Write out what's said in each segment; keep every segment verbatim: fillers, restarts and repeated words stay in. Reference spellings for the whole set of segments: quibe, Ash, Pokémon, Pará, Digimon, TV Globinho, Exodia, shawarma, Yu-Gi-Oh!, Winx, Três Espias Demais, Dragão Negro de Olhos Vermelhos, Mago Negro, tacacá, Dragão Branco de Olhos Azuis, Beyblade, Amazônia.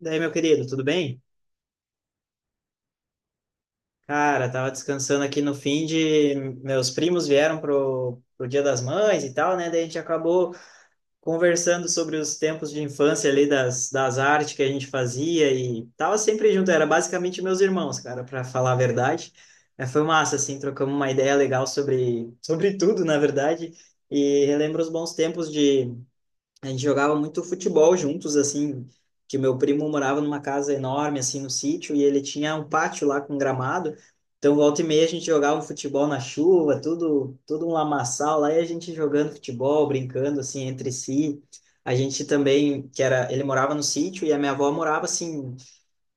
Daí, meu querido, tudo bem? Cara, tava descansando aqui no fim de. Meus primos vieram pro, pro Dia das Mães e tal, né? Daí a gente acabou conversando sobre os tempos de infância ali das, das artes que a gente fazia e tava sempre junto, era basicamente meus irmãos, cara, para falar a verdade. É, foi massa, assim, trocamos uma ideia legal sobre, sobre tudo, na verdade, e relembro os bons tempos de. A gente jogava muito futebol juntos, assim, que meu primo morava numa casa enorme, assim, no sítio, e ele tinha um pátio lá com gramado. Então, volta e meia, a gente jogava um futebol na chuva, tudo, tudo um lamaçal lá, e a gente jogando futebol, brincando, assim, entre si. A gente também, que era, ele morava no sítio e a minha avó morava, assim,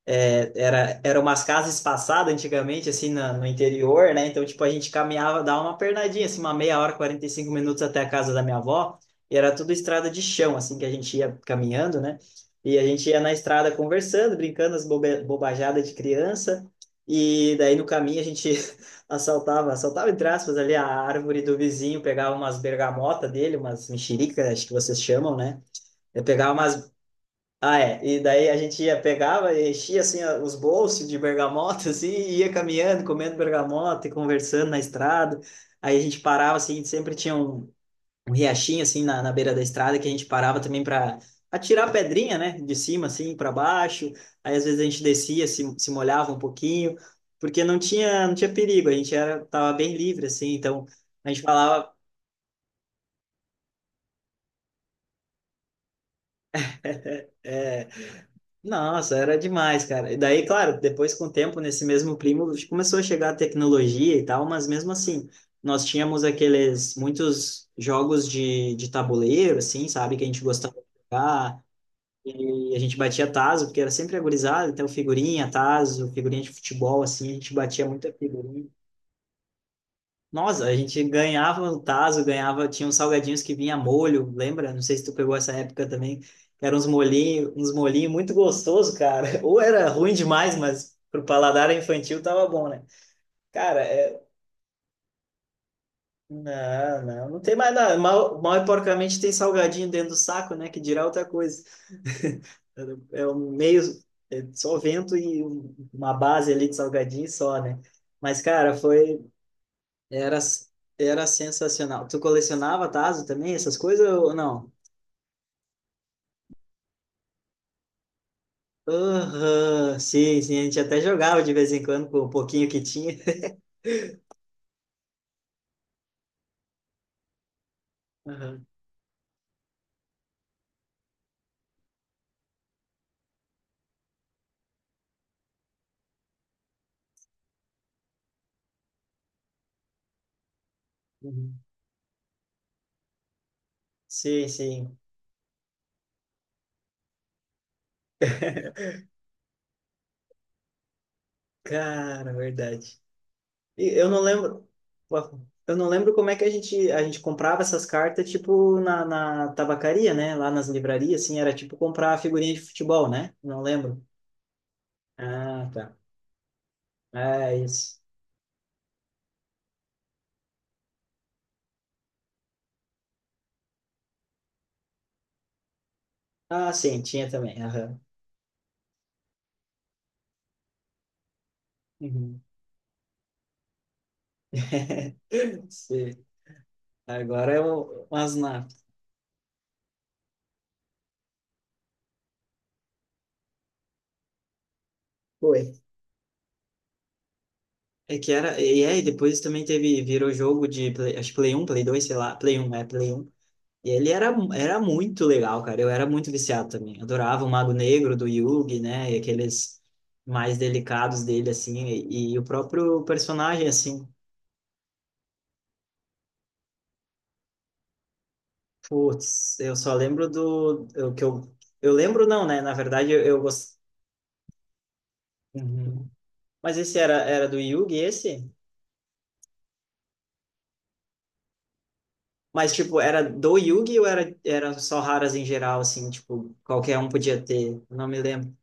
é, era, eram umas casas espaçadas antigamente, assim, na- no interior, né? Então, tipo, a gente caminhava, dava uma pernadinha, assim, uma meia hora, quarenta e cinco minutos até a casa da minha avó, e era tudo estrada de chão, assim, que a gente ia caminhando, né? E a gente ia na estrada conversando, brincando as bobe- bobajadas de criança, e daí no caminho a gente assaltava, assaltava, entre aspas, ali a árvore do vizinho, pegava umas bergamotas dele, umas mexericas, acho que vocês chamam, né? Eu pegava umas, ah, é. E daí a gente ia, pegava, e enchia assim a- os bolsos de bergamota, assim, e ia caminhando, comendo bergamota e conversando na estrada. Aí a gente parava, assim, sempre tinha um, um riachinho, assim, na, na beira da estrada, que a gente parava também para atirar pedrinha, né, de cima, assim, para baixo. Aí às vezes a gente descia, se, se molhava um pouquinho, porque não tinha, não tinha perigo, a gente era, tava bem livre, assim, então a gente falava. É, nossa, era demais, cara. E daí, claro, depois com o tempo, nesse mesmo primo, começou a chegar a tecnologia e tal, mas mesmo assim, nós tínhamos aqueles muitos jogos de, de tabuleiro, assim, sabe, que a gente gostava de jogar, e a gente batia tazo, porque era sempre a gurizada, então figurinha, tazo, figurinha de futebol, assim, a gente batia muita figurinha. Nossa, a gente ganhava o tazo, ganhava, tinha uns salgadinhos que vinha molho, lembra? Não sei se tu pegou essa época também, que eram uns molhinhos, uns molhinhos muito gostoso, cara. Ou era ruim demais, mas pro paladar infantil tava bom, né? Cara, é... não, não, não tem mais nada. Mal, mal e porcamente tem salgadinho dentro do saco, né? Que dirá outra coisa. É um meio, é só vento e um- uma base ali de salgadinho só, né? Mas, cara, foi. Era, era sensacional. Tu colecionava Tazo também, essas coisas ou não? Aham, Sim, sim, a gente até jogava de vez em quando com o pouquinho que tinha. Aham, uhum. Sim, sim. Cara, verdade. E Eu não lembro, eu não lembro como é que a gente, a gente comprava essas cartas, tipo, na, na tabacaria, né? Lá nas livrarias, assim, era tipo comprar figurinha de futebol, né? Não lembro. Ah, tá. É isso. Ah, sim, tinha também. Aham. Uhum. Sim. Agora é o, o Asnaf. Foi. É que era. E aí, depois também teve. Virou jogo de. Play, acho que Play um Play dois sei lá. Play um é Play um. E ele era, era muito legal, cara. Eu era muito viciado também. Adorava o Mago Negro do Yugi, né? E aqueles mais delicados dele, assim. E, e o próprio personagem, assim. Putz, eu só lembro do. Eu, que eu, eu lembro, não, né? Na verdade, eu, eu gost- Uhum. Mas esse era, era do Yugi, esse? Mas, tipo, era do Yugi ou era, era só raras em geral, assim, tipo, qualquer um podia ter? Eu não me lembro.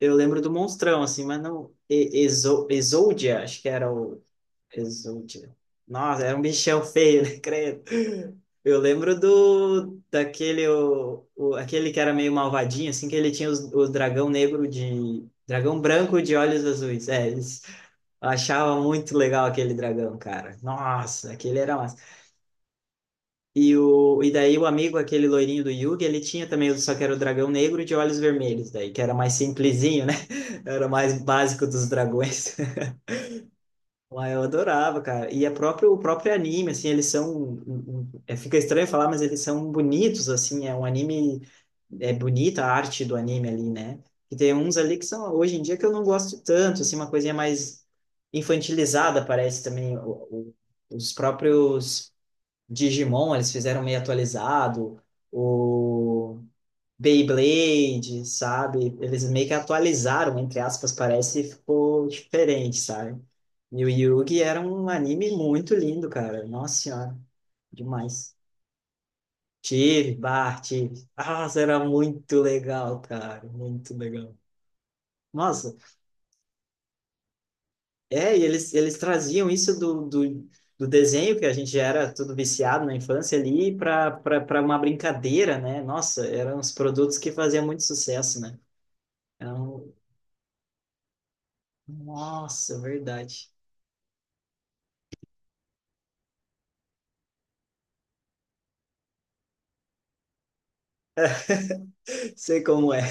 Eu lembro do Monstrão, assim, mas não. E- Exo, Exodia, acho que era o. Exodia. Nossa, era um bichão feio, né, credo? Eu lembro do. Daquele. O, o- aquele que era meio malvadinho, assim, que ele tinha os, o dragão negro de. Dragão branco de olhos azuis. É, eles eu achava muito legal aquele dragão, cara. Nossa, aquele era. E, o, e daí o amigo, aquele loirinho do Yugi, ele tinha também, o- só que era o dragão negro de olhos vermelhos, daí, que era mais simplesinho, né? Era o mais básico dos dragões. Mas eu adorava, cara. E a próprio, o próprio anime, assim, eles são. um- um- é, Fica estranho falar, mas eles são bonitos, assim. É um anime. É bonita a arte do anime ali, né? E tem uns ali que são, hoje em dia, que eu não gosto tanto, assim, uma coisinha mais infantilizada, parece também. o, o- os próprios Digimon, eles fizeram meio atualizado, o Beyblade, sabe? Eles meio que atualizaram, entre aspas, parece, e ficou diferente, sabe? E o Yugi era um anime muito lindo, cara. Nossa senhora, demais. Tive, Bart, tive. Nossa, era muito legal, cara, muito legal. Nossa, é, e eles, eles traziam isso do, do, do desenho, que a gente já era tudo viciado na infância ali, para para uma brincadeira, né? Nossa, eram os produtos que faziam muito sucesso, né? Eram... Nossa, verdade. Sei como é.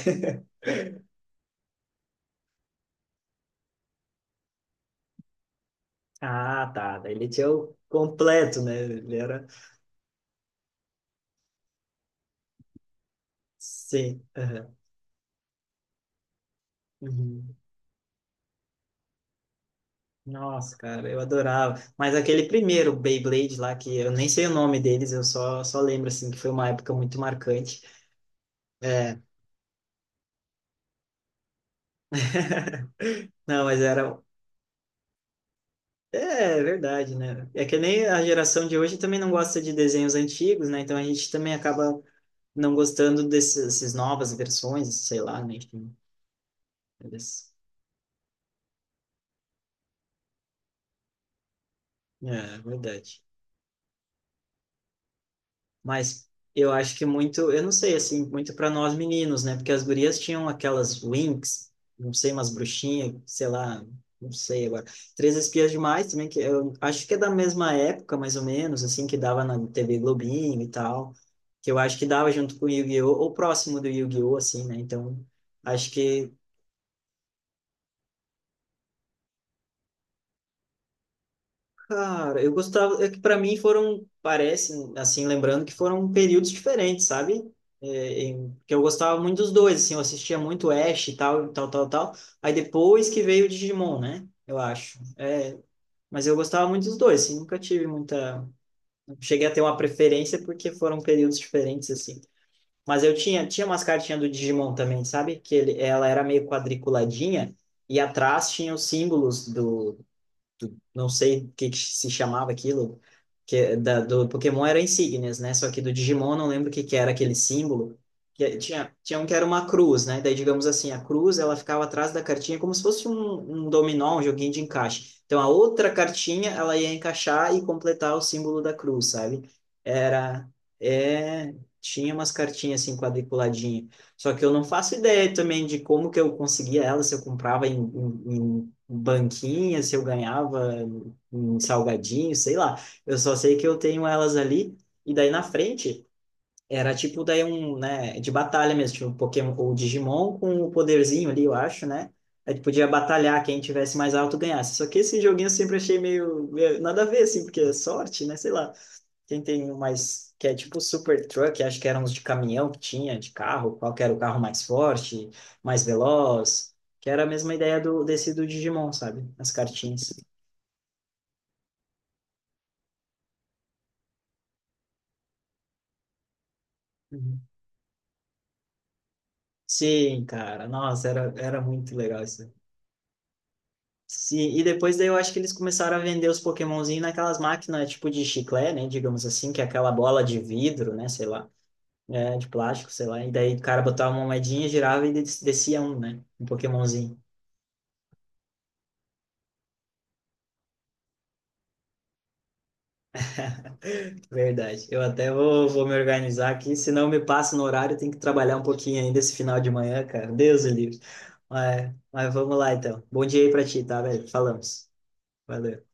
Ah, tá. Daí ele tinha o completo, né? Ele era. Sim, aham. Uhum. Nossa, cara, eu adorava. Mas aquele primeiro Beyblade lá, que eu nem sei o nome deles, eu só, só lembro, assim, que foi uma época muito marcante. É, não, mas era. É, é verdade, né? É que nem a geração de hoje também não gosta de desenhos antigos, né? Então a gente também acaba não gostando desses- dessas novas versões, sei lá, né? Enfim, eles- É, é verdade. Mas eu acho que muito, eu não sei, assim, muito para nós meninos, né? Porque as gurias tinham aquelas Winx, não sei, umas bruxinhas, sei lá, não sei agora. Três Espias Demais também, que eu acho que é da mesma época, mais ou menos, assim, que dava na T V Globinho e tal, que eu acho que dava junto com o Yu-Gi-Oh! Ou próximo do Yu-Gi-Oh! Assim, né? Então, acho que. Cara, eu gostava, é que para mim foram, parece, assim, lembrando que foram períodos diferentes, sabe? É, em- que eu gostava muito dos dois, assim, eu assistia muito Ash e tal, tal, tal, tal. Aí depois que veio o Digimon, né? Eu acho. Mas eu gostava muito dos dois, assim, nunca tive muita. Não cheguei a ter uma preferência porque foram períodos diferentes, assim. Mas eu tinha, tinha umas cartinhas do Digimon também, sabe? Que ele, ela era meio quadriculadinha e atrás tinha os símbolos do do- não sei o que que se chamava aquilo, que é da, do Pokémon era insígnias, né? Só que do Digimon eu não lembro o que que era aquele símbolo. Que tinha, tinha um que era uma cruz, né? Daí, digamos assim, a cruz ela ficava atrás da cartinha como se fosse um, um dominó, um joguinho de encaixe. Então, a outra cartinha ela ia encaixar e completar o símbolo da cruz, sabe? Era, é, tinha umas cartinhas assim quadriculadinhas. Só que eu não faço ideia também de como que eu conseguia ela, se eu comprava em, em, banquinha, se eu ganhava um salgadinho, sei lá. Eu só sei que eu tenho elas ali, e daí na frente era tipo daí um, né, de batalha mesmo, tipo um Pokémon ou Digimon com o poderzinho ali, eu acho, né? A gente podia batalhar, quem tivesse mais alto ganhasse. Só que esse joguinho eu sempre achei meio, meio nada a ver, assim, porque é sorte, né? Sei lá. Tem, tem umas que é tipo super truck, acho que eram uns de caminhão que tinha, de carro, qual que era o carro mais forte, mais veloz, que era a mesma ideia do, desse do Digimon, sabe? As cartinhas. Uhum. Sim, cara, nossa, era, era muito legal isso. Sim, e depois daí eu acho que eles começaram a vender os Pokémonzinhos naquelas máquinas tipo de chiclete, né? Digamos assim, que é aquela bola de vidro, né? Sei lá, é, de plástico, sei lá. E daí o cara botava uma moedinha, girava e des- descia um, né? Um Pokémonzinho. Verdade. Eu até vou, vou me organizar aqui, senão me passa no horário, tem que trabalhar um pouquinho ainda esse final de manhã, cara. Deus o livre. Mas, mas vamos lá então. Bom dia aí pra ti, tá, velho? Falamos. Valeu.